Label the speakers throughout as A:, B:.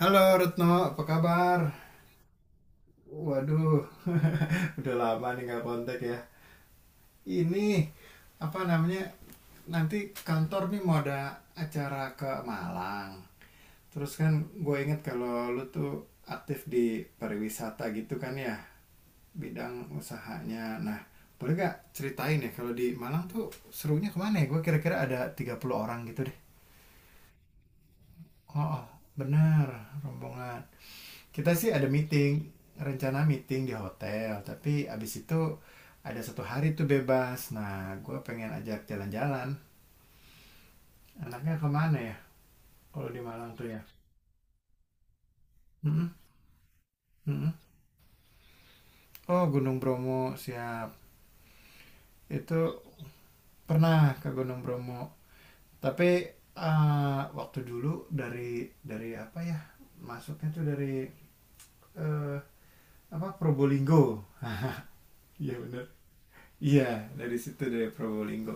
A: Halo Retno, apa kabar? Waduh, udah lama nih nggak kontak ya. Ini apa namanya? Nanti kantor nih mau ada acara ke Malang. Terus kan gue inget kalau lu tuh aktif di pariwisata gitu kan ya, bidang usahanya. Nah, boleh gak ceritain ya kalau di Malang tuh serunya kemana ya? Gue kira-kira ada 30 orang gitu deh. Oh, oh, benar, rombongan. Kita sih ada meeting, rencana meeting di hotel, tapi abis itu ada satu hari tuh bebas. Nah, gue pengen ajak jalan-jalan anaknya kemana ya kalau di Malang tuh ya. Mm-mm, mm-mm. Oh, Gunung Bromo, siap. Itu pernah ke Gunung Bromo tapi eh, waktu dulu dari apa ya, masuknya tuh dari eh, apa Probolinggo. Iya bener, iya, dari situ, dari Probolinggo.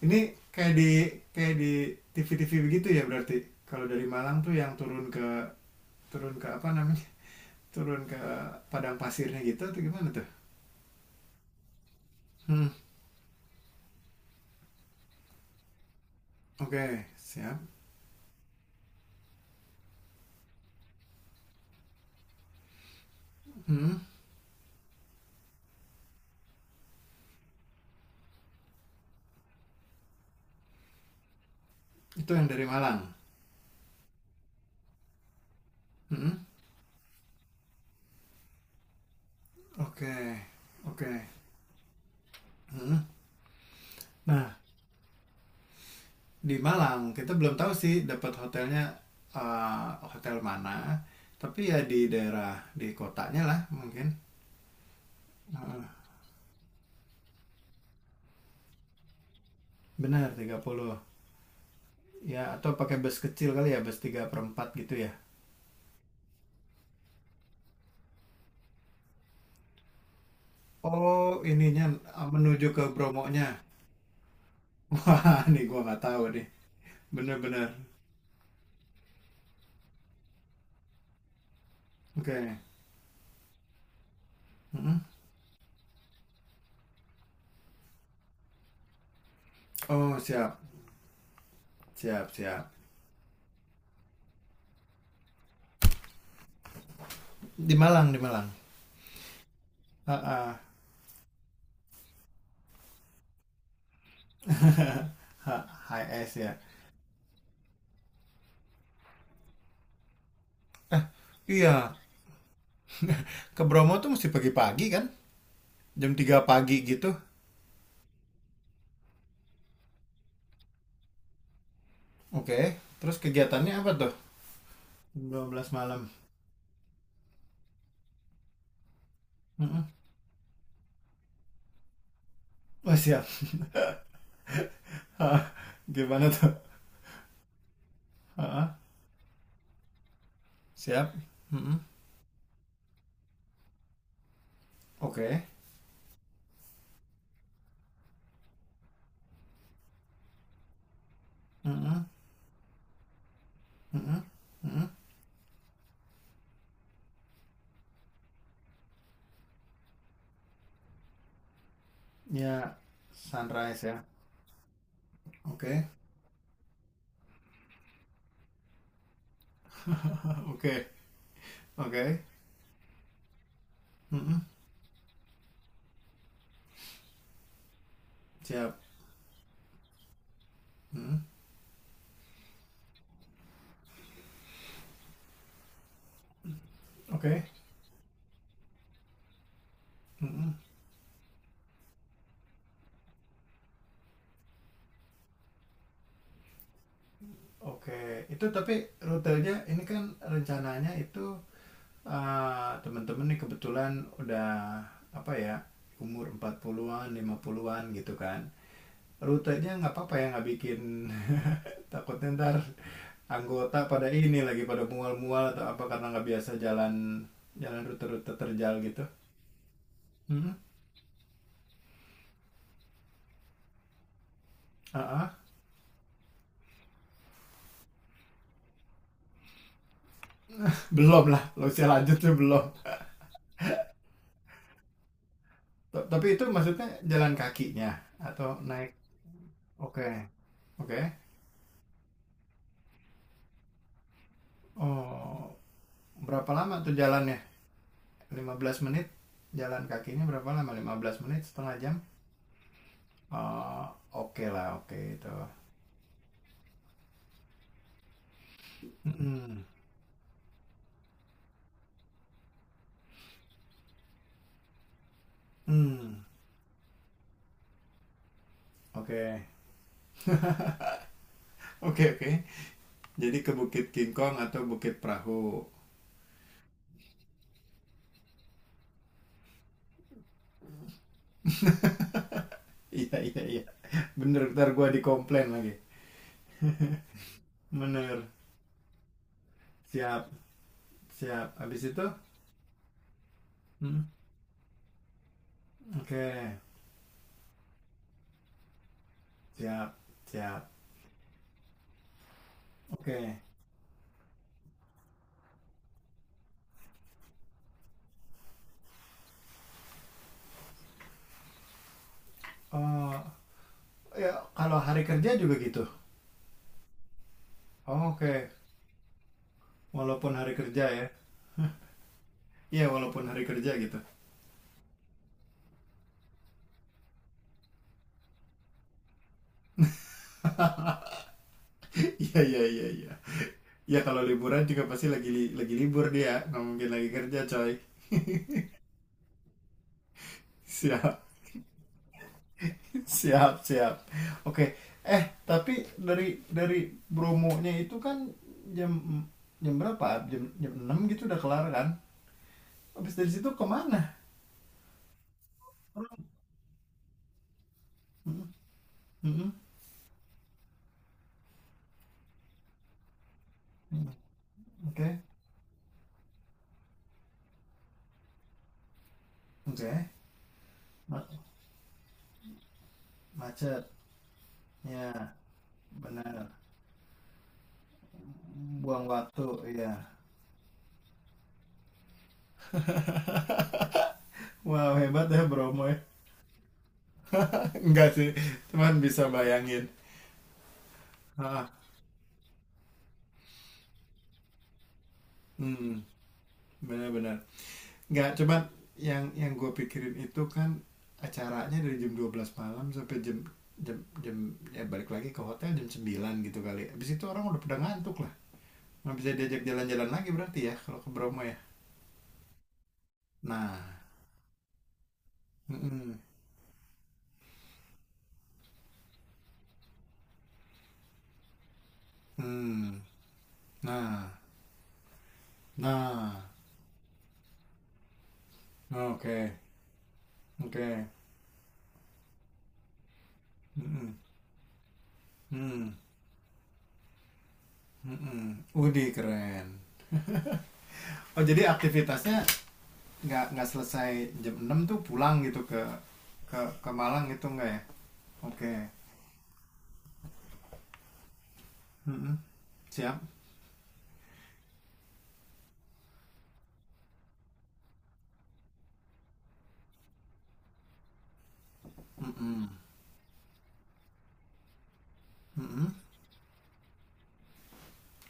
A: Ini kayak di kayak di TV-TV begitu ya berarti. Kalau dari Malang tuh yang turun ke apa namanya? Turun ke padang pasirnya gitu atau gimana tuh? Hmm, oke, siap. Hmm, itu yang dari Malang. Hmm, oke. Oke. Hmm. Nah, di Malang kita belum tahu sih dapat hotelnya, eh, hotel mana, tapi ya di daerah di kotanya lah mungkin. Heeh. Benar 30. Ya, atau pakai bus kecil kali ya, bus tiga per 4 gitu ya. Oh, ininya menuju ke Bromonya. Wah, nih gua nggak tahu nih. Bener-bener. Oke. Mm-mm. Oh, siap. Siap, siap. Di Malang, di Malang. Ah, H S ya. Iya, ke Bromo tuh mesti pagi-pagi kan? Jam 3 pagi gitu. Oke, terus kegiatannya apa tuh? Jam 12 malam. Mm-mm. Oh, siap. Ah, gimana tuh? Ah, ah. Siap. Mm-mm. Oke. Mm-mm. Mm-mm, mm-mm. Ya, sunrise ya. Oke, oke, oke. Mm-mm, siap. Mm-mm, oke. Mm-mm, oke. Itu tapi rutenya ini kan rencananya itu ah, teman-teman nih kebetulan udah apa ya umur 40-an, 50-an gitu kan. Rutenya nggak apa-apa ya, nggak bikin takutnya ntar anggota pada ini lagi pada mual-mual atau apa karena nggak biasa jalan jalan rute-rute terjal gitu. Mm-mm. Ah, ah. Belum lah lo, usia lanjut tuh belum. Tapi itu maksudnya jalan kakinya atau naik. Oke, oke. Oh, berapa lama tuh jalannya, 15 menit? Jalan kakinya berapa lama, 15 menit, setengah jam? Oh, oke lah, oke itu. Mm-mm. Mm. Oke, oke, oke, jadi ke Bukit King Kong atau Bukit Perahu? Iya, iya, iya, bener ntar gua dikomplain lagi. Bener, siap, siap, habis itu. Mm, oke, siap, siap, oke. Eh, ya kalau hari kerja juga gitu. Oh, oke, walaupun hari kerja ya? Iya walaupun hari kerja gitu. Iya, iya, iya, iya, ya kalau liburan juga pasti lagi li- lagi libur, dia nggak mungkin lagi kerja coy. Siap. Siap, siap. Oke. Eh, tapi dari dari bromonya itu kan jam, jam berapa, jam jam 6 gitu udah kelar kan? Habis dari situ kemana? Mm, mm, mm. Oke, oke. Ma- macet. Ya, benar. Buang waktu, ya. Wow, hebat ya Bromo ya. Enggak sih, cuman bisa bayangin. Ah, hmm, benar-benar. Enggak, cuman yang gue pikirin itu kan acaranya dari jam 12 malam sampai jam, jam, ya balik lagi ke hotel jam 9 gitu kali. Habis itu orang udah pada ngantuk lah. Nggak bisa diajak jalan-jalan lagi berarti ya kalau ke Bromo ya. Nah, mm-mm, hmm, nah, nah, oke, oke. Mm-mm. Hmm, mm-mm. Widih, keren. Oh, jadi aktivitasnya nggak selesai jam 6 tuh pulang gitu ke ke ke Malang gitu nggak ya? Oke. Mm-mm. Siap. Mm-mm. Mm-mm.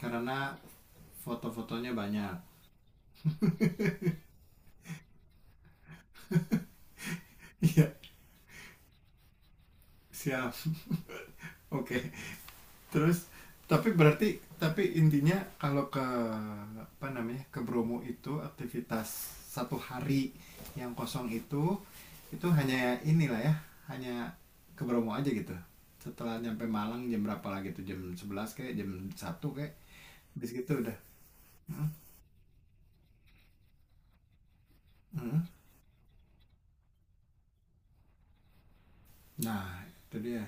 A: Karena foto-fotonya banyak. Iya, siap. Oke. Terus, tapi berarti tapi intinya kalau ke apa namanya, ke Bromo itu aktivitas satu hari yang kosong itu hanya inilah ya, hanya ke Bromo aja gitu. Setelah nyampe Malang jam berapa lagi tuh, jam 11 kayak jam 1 kayak bis gitu udah. Hmm, hmm. Nah itu dia.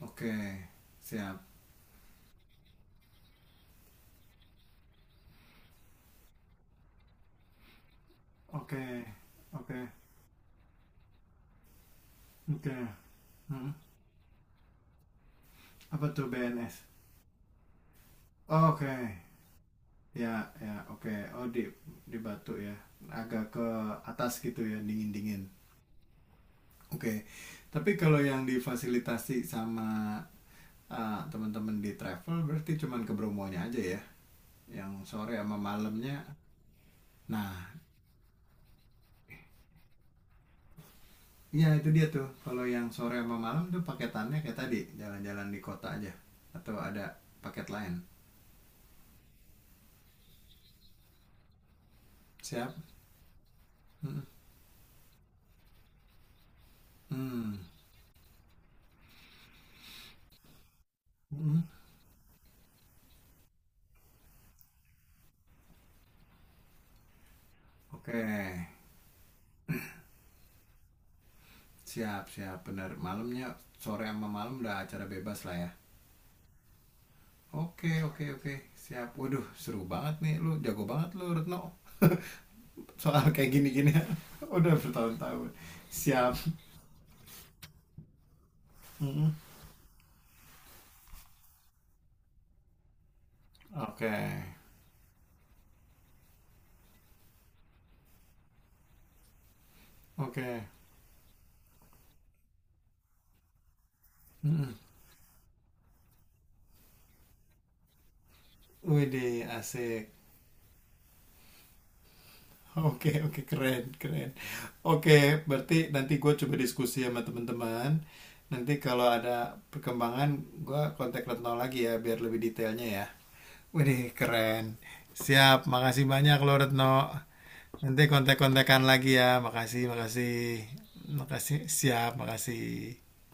A: Oke, siap. Oke, oke, oke. Hmm. Apa tuh BNS? Oke. Ya, ya, oke. Oh, di Batu ya. Agak ke atas gitu ya, dingin-dingin. Oke. Tapi kalau yang difasilitasi sama ah, teman-teman di travel, berarti cuman ke Bromonya aja ya. Yang sore sama malamnya. Nah, ya itu dia tuh. Kalau yang sore sama malam tuh paketannya kayak tadi, jalan-jalan di kota aja atau ada paket lain. Siap? Hmm. Hmm. Hmm. Oke. Siap, siap. Benar. Malamnya, sore sama malam udah acara bebas lah ya. Oke, oke, oke, siap. Waduh, seru banget nih lu, jago banget lu Retno soal kayak gini-gini. Udah bertahun-tahun. Siap. Mm-mm. Oke, oke. Mm-mm. Widih, asik. Oke, oke, keren, keren. Oke, berarti nanti gue coba diskusi sama teman-teman. Nanti kalau ada perkembangan, gue kontak Retno lagi ya, biar lebih detailnya ya. Widih, keren. Siap, makasih banyak lo Retno. Nanti kontak-kontakan lagi ya, makasih, makasih. Makasih, siap, makasih.